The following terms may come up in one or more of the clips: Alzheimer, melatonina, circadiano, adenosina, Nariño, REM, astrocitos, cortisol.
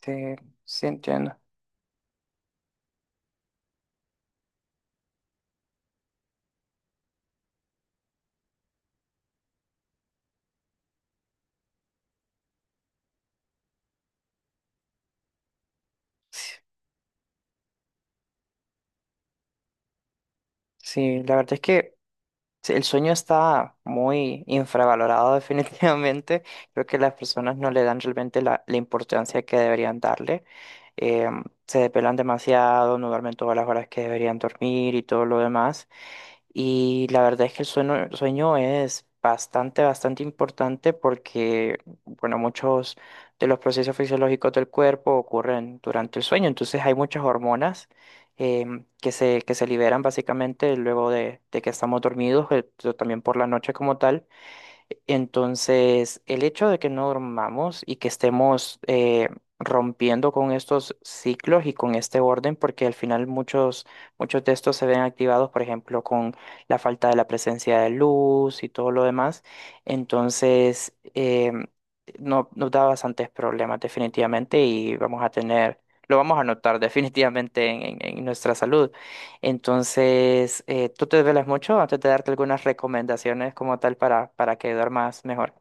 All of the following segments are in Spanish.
Sí, sí entiendo. Sí, sí, la verdad es que sí, el sueño está muy infravalorado definitivamente. Creo que las personas no le dan realmente la importancia que deberían darle. Se depelan demasiado, no duermen todas las horas que deberían dormir y todo lo demás. Y la verdad es que el sueño es bastante importante porque, bueno, muchos de los procesos fisiológicos del cuerpo ocurren durante el sueño. Entonces hay muchas hormonas que se liberan básicamente luego de que estamos dormidos, pero también por la noche como tal. Entonces, el hecho de que no dormamos y que estemos rompiendo con estos ciclos y con este orden, porque al final muchos de estos se ven activados, por ejemplo, con la falta de la presencia de luz y todo lo demás, entonces no, nos da bastantes problemas definitivamente y vamos a tener, lo vamos a notar definitivamente en nuestra salud. Entonces, ¿tú te duermes mucho? Antes de darte algunas recomendaciones como tal para que duermas mejor.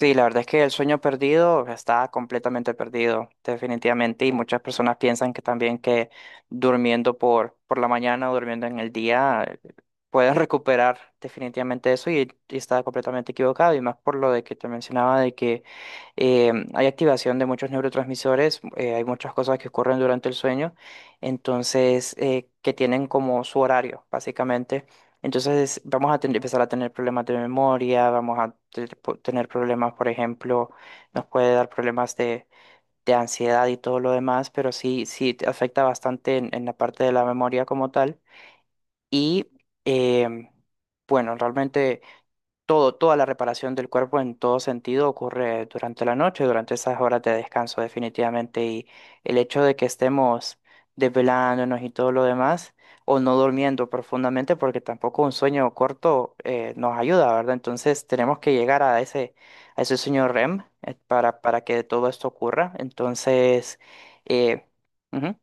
Sí, la verdad es que el sueño perdido está completamente perdido, definitivamente, y muchas personas piensan que también que durmiendo por la mañana o durmiendo en el día pueden recuperar definitivamente eso y está completamente equivocado, y más por lo de que te mencionaba de que hay activación de muchos neurotransmisores, hay muchas cosas que ocurren durante el sueño, entonces que tienen como su horario, básicamente. Empezar a tener problemas de memoria, vamos a tener problemas, por ejemplo, nos puede dar problemas de ansiedad y todo lo demás, pero sí, sí te afecta bastante en la parte de la memoria como tal. Y em, bueno, realmente toda la reparación del cuerpo en todo sentido ocurre durante la noche, durante esas horas de descanso definitivamente. Y el hecho de que estemos desvelándonos y todo lo demás, o no durmiendo profundamente, porque tampoco un sueño corto nos ayuda, ¿verdad? Entonces tenemos que llegar a ese sueño REM para que todo esto ocurra. Entonces, eh, ujú.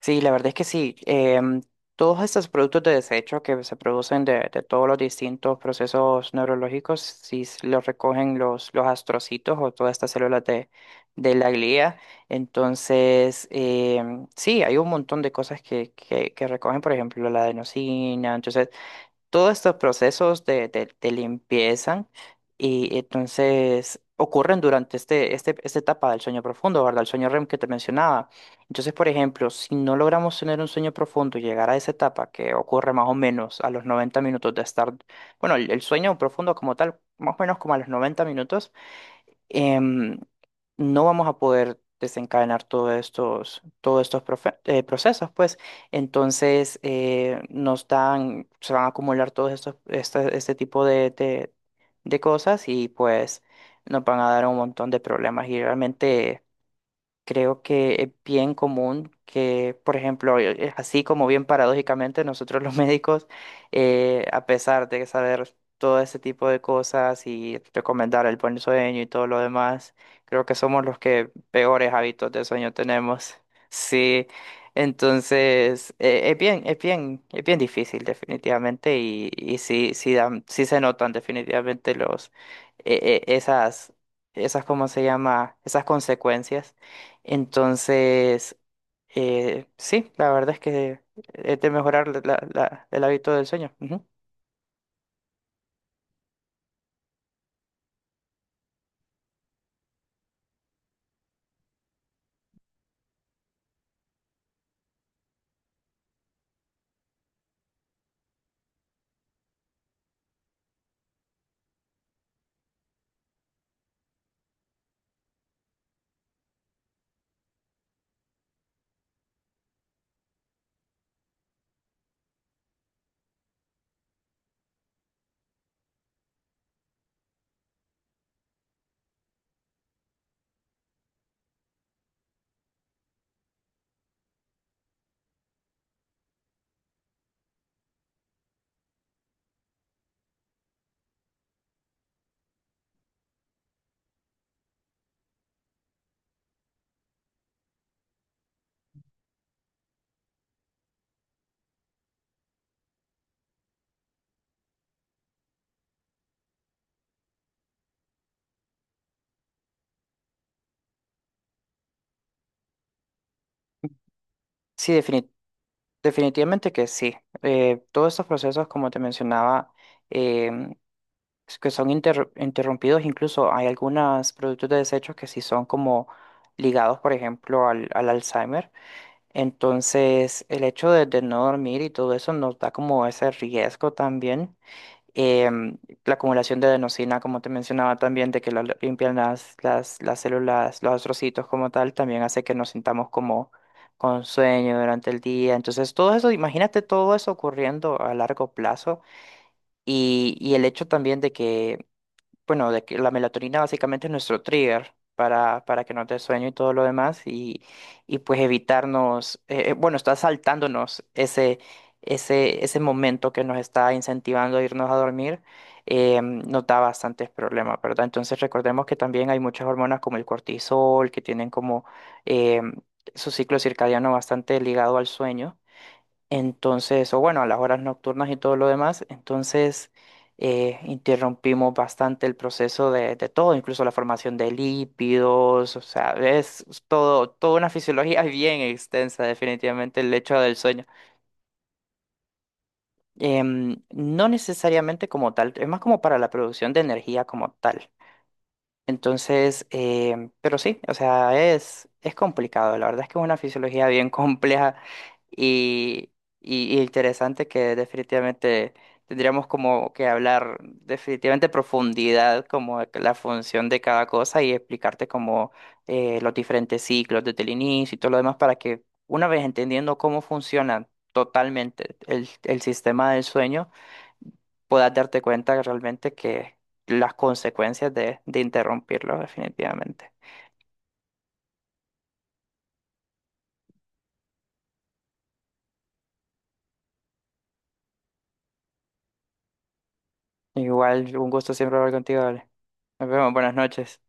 Sí, la verdad es que sí. Todos estos productos de desecho que se producen de todos los distintos procesos neurológicos, si s- los recogen los astrocitos o todas estas células de la glía, entonces sí, hay un montón de cosas que recogen, por ejemplo, la adenosina. Entonces, todos estos procesos de limpieza y entonces ocurren durante esta etapa del sueño profundo, ¿verdad? El sueño REM que te mencionaba. Entonces, por ejemplo, si no logramos tener un sueño profundo y llegar a esa etapa que ocurre más o menos a los 90 minutos de estar, bueno, el sueño profundo como tal, más o menos como a los 90 minutos, em, no vamos a poder desencadenar todos estos procesos, pues entonces nos dan, se van a acumular este tipo de cosas y pues nos van a dar un montón de problemas y realmente creo que es bien común que, por ejemplo, así como bien paradójicamente, nosotros los médicos, a pesar de saber todo ese tipo de cosas y recomendar el buen sueño y todo lo demás, creo que somos los que peores hábitos de sueño tenemos. Sí, entonces es bien difícil definitivamente y sí, sí se notan definitivamente los, eh, eh, esas, esas, ¿cómo se llama? Esas consecuencias. Entonces, sí, la verdad es que es de mejorar el hábito del sueño. Ujú. Sí, definitivamente que sí. Todos estos procesos, como te mencionaba, em, es que son interrumpidos, incluso hay algunos productos de desechos que sí son como ligados, por ejemplo, al Alzheimer. Entonces, el hecho de no dormir y todo eso nos da como ese riesgo también, em, la acumulación de adenosina, como te mencionaba también, de que la limpian las células, los astrocitos como tal, también hace que nos sintamos como con sueño durante el día. Entonces, todo eso, imagínate todo eso ocurriendo a largo plazo y el hecho también de que bueno, de que la melatonina básicamente es nuestro trigger para que nos dé sueño y todo lo demás y pues evitarnos, bueno, está saltándonos ese momento que nos está incentivando a irnos a dormir, nos da bastantes problemas, ¿verdad? Entonces recordemos que también hay muchas hormonas como el cortisol que tienen como eh, su ciclo circadiano bastante ligado al sueño. Entonces, o bueno, a las horas nocturnas y todo lo demás, entonces interrumpimos bastante el proceso de todo, incluso la formación de lípidos, o sea, es todo, toda una fisiología bien extensa, definitivamente, el hecho del sueño. No necesariamente como tal, es más como para la producción de energía como tal. Entonces, pero sí, o sea, es complicado. La verdad es que es una fisiología bien compleja y, y interesante que definitivamente tendríamos como que hablar definitivamente profundidad, como de la función de cada cosa y explicarte como los diferentes ciclos desde el inicio y todo lo demás para que una vez entendiendo cómo funciona totalmente el sistema del sueño, puedas darte cuenta realmente que las consecuencias de interrumpirlo definitivamente. Igual, un gusto siempre hablar contigo, Ale. Nos vemos, buenas noches.